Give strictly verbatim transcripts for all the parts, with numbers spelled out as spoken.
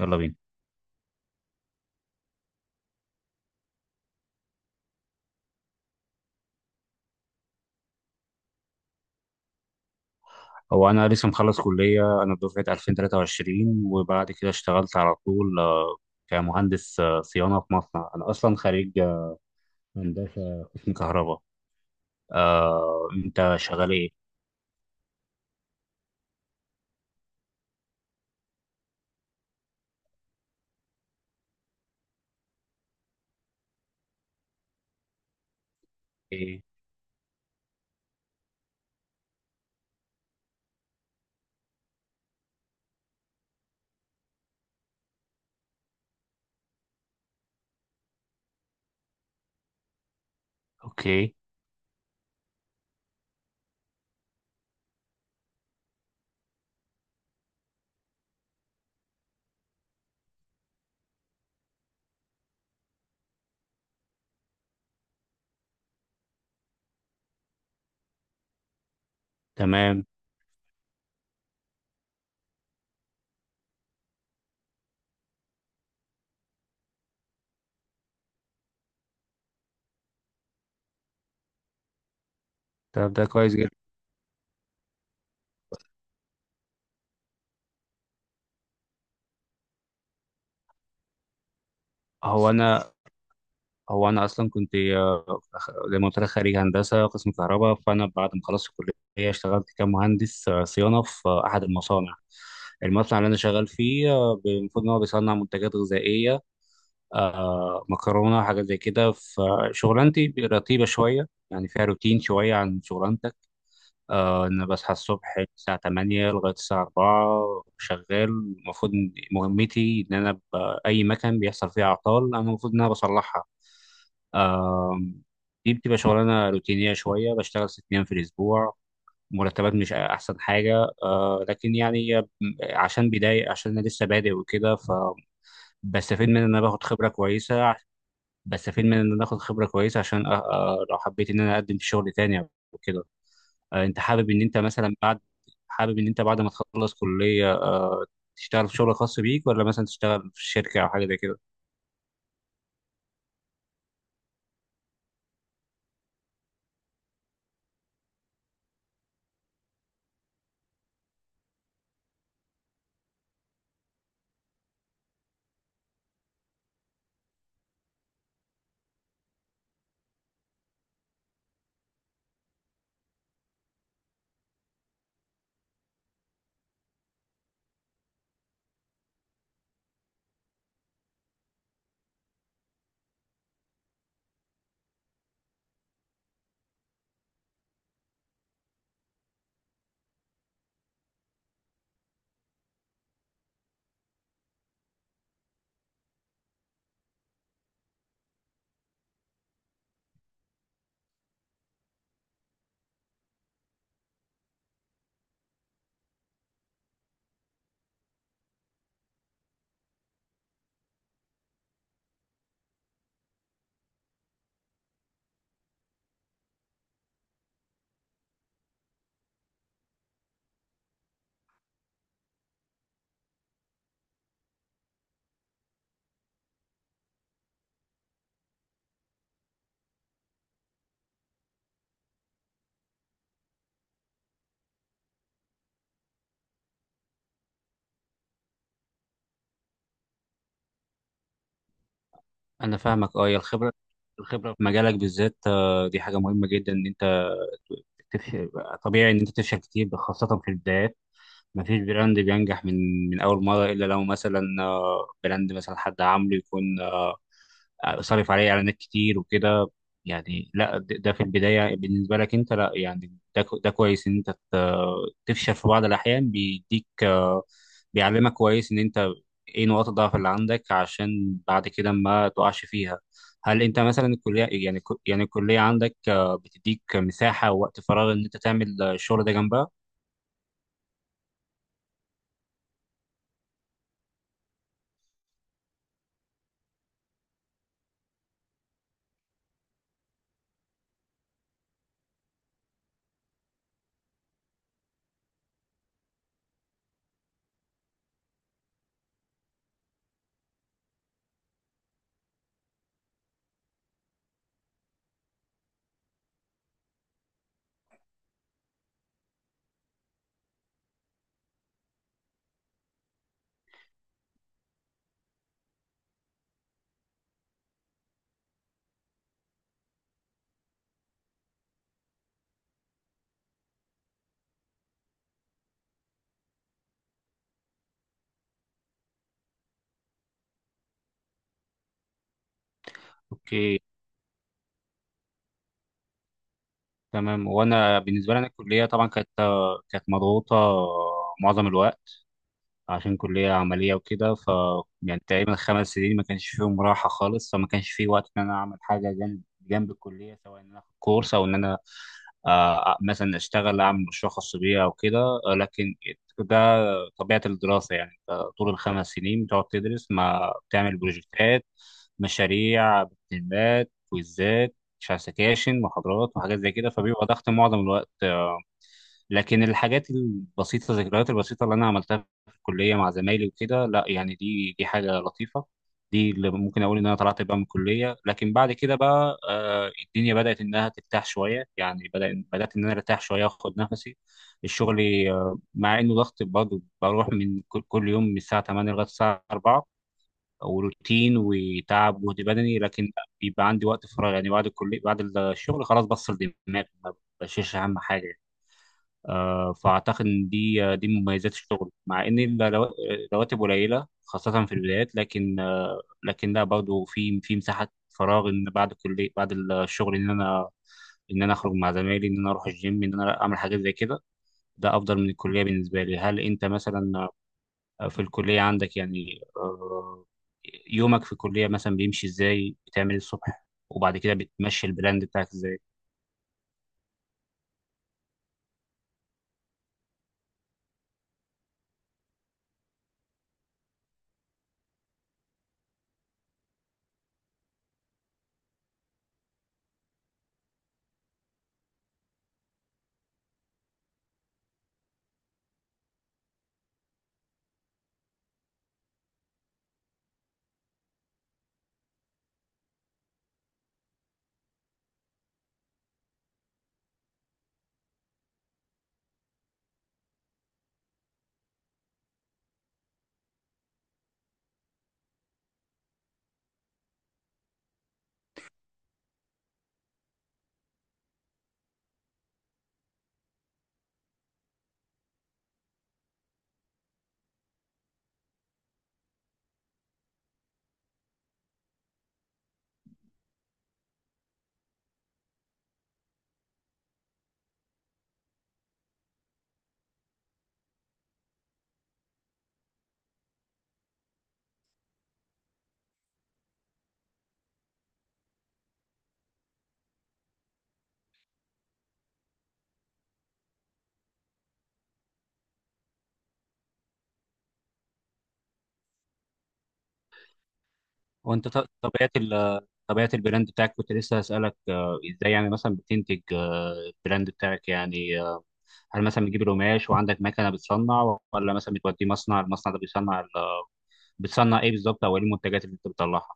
يلا بينا. هو انا لسه مخلص كليه، انا دفعه ألفين وتلاتة وبعد كده اشتغلت على طول، آه، كمهندس آه، صيانه في مصنع. انا اصلا خريج آه، هندسه قسم كهرباء. آه، انت شغال ايه؟ ايه؟ اوكي، تمام. طب ده كويس جدا. هو انا هو انا اصلا كنت، آه، أخ- زي ما قلت لك، خريج هندسه قسم كهرباء، فانا بعد ما خلصت الكليه اشتغلت كمهندس آه، صيانه في آه، احد المصانع. المصنع اللي انا شغال فيه آه، المفروض ان هو بيصنع منتجات غذائيه، آه، مكرونه وحاجات زي كده. فشغلانتي رتيبه شويه، يعني فيها روتين شويه عن شغلانتك. آه، انا بصحى الصبح الساعه تمانية لغايه الساعه أربعة شغال. المفروض إن مهمتي ان انا ب- اي مكان بيحصل فيه اعطال انا المفروض ان انا بصلحها. آه، دي بتبقى شغلانه روتينيه شويه. بشتغل ست ايام في الاسبوع، مرتبات مش احسن حاجه آه، لكن يعني عشان بدايه، عشان انا لسه بادئ وكده، ف بستفيد من ان انا باخد خبره كويسه. بس فين، من ان انا اخد خبره كويسه عشان أ- أ- لو حبيت ان انا اقدم في شغل تاني او كده. آه، انت حابب ان انت مثلا بعد، حابب ان انت بعد ما تخلص كليه، آه، تشتغل في شغل خاص بيك ولا مثلا تشتغل في شركه او حاجه زي كده؟ انا فاهمك اه. هي الخبره، الخبره في مجالك بالذات، آه، دي حاجه مهمه جدا ان انت تفشل. طبيعي ان انت تفشل كتير خاصه في البدايات. ما فيش براند بينجح من من اول مره، الا لو مثلا آه، براند مثلا حد عامله يكون، آه، آه، صارف عليه اعلانات كتير وكده. يعني لا، د- ده في البدايه بالنسبه لك انت، لا يعني ده كو- ده كويس ان انت ت- تفشل في بعض الاحيان. بيديك، آه، بيعلمك كويس ان انت ايه نقاط الضعف اللي عندك عشان بعد كده ما تقعش فيها. هل انت مثلا الكليه يعني كو- يعني الكليه عندك آه، بتديك مساحه ووقت فراغ ان انت تعمل آه، الشغل ده جنبها؟ اوكي، تمام. وانا بالنسبه لي، انا الكليه طبعا كانت، كانت مضغوطه معظم الوقت عشان كليه عمليه وكده. ف يعني تقريبا خمس سنين ما كانش فيهم راحه خالص، فما كانش في وقت ان انا اعمل حاجه جنب، جنب الكليه، سواء ان انا اخد كورس او ان انا آه، مثلا اشتغل اعمل مشروع خاص بيا او كده. آه، لكن ده طبيعة الدراسة. يعني أنت طول الخمس سنين بتقعد تدرس، ما بتعمل بروجكتات، مشاريع، بتدريبات، كويزات، مش عارف سكاشن، محاضرات، وحاجات زي كده. فبيبقى ضغط معظم الوقت. لكن الحاجات البسيطة، الذكريات البسيطة اللي أنا عملتها في الكلية مع زمايلي وكده، لا يعني دي دي حاجة لطيفة. دي اللي ممكن أقول إن أنا طلعت بقى من الكلية. لكن بعد كده بقى، آه، الدنيا بدأت إنها ترتاح شوية، يعني بدأ بدأت إن أنا أرتاح شوية وآخد نفسي. الشغل، آه، مع إنه ضغط برضه، بروح من كل, كل يوم من الساعة تمانية لغاية الساعة أربعة، وروتين وتعب وجهد بدني، لكن بيبقى عندي وقت فراغ. يعني بعد الكلية بعد الشغل خلاص، بفصل دماغي، ما بشيلش أهم حاجة. آه، فاعتقد ان دي، آه، دي من مميزات الشغل. مع ان الرو- الرواتب قليله خاصه في البدايات، لكن، آه، لكن لا برضه في في مساحه فراغ ان بعد كل، بعد الشغل ان انا، ان انا اخرج مع زمايلي، ان انا اروح الجيم، ان انا اعمل حاجات زي كده. ده افضل من الكليه بالنسبه لي. هل انت مثلا في الكليه عندك، يعني، آه، يومك في الكليه مثلا بيمشي ازاي؟ بتعمل إيه الصبح، وبعد كده بتمشي البراند بتاعك ازاي؟ وانت ط- طبيعه ال طبيعه البراند بتاعك، كنت لسه هسألك، آه، ازاي يعني مثلا بتنتج، آه، البراند بتاعك يعني، آه، هل مثلا بتجيب القماش وعندك مكنه بتصنع، ولا مثلا بتوديه مصنع المصنع ده بيصنع ال- بتصنع ايه بالظبط؟ او ايه المنتجات اللي انت بتطلعها؟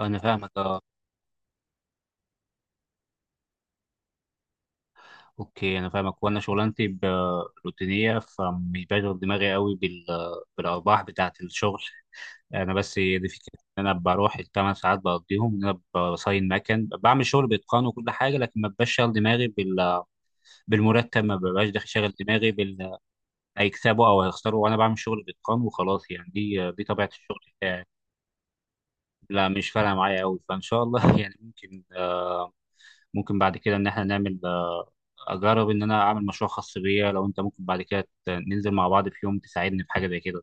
انا فاهمك اه. اوكي، انا فاهمك. وانا شغلانتي ب- روتينيه، فمش بشغل دماغي قوي بال بالارباح بتاعه الشغل. انا بس هي دي فكره، ان انا بروح الثمان ساعات بقضيهم ان انا بصين مكن، بعمل شغل باتقان وكل حاجه، لكن ما بشغل دماغي بال بالمرتب. ما ببقاش داخل شاغل دماغي بال هيكسبوا او هيخسروا. وانا بعمل شغل باتقان وخلاص. يعني دي دي طبيعه الشغل بتاعي. لا، مش فارقه معايا قوي، فان شاء الله يعني ممكن، ممكن بعد كده ان احنا نعمل، اجرب ان انا اعمل مشروع خاص بيا. لو انت ممكن بعد كده، ت- ننزل مع بعض في يوم تساعدني في حاجه زي كده.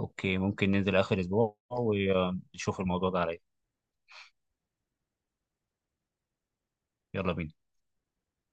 اوكي، ممكن ننزل اخر اسبوع ونشوف الموضوع ده عليا. يلا بينا.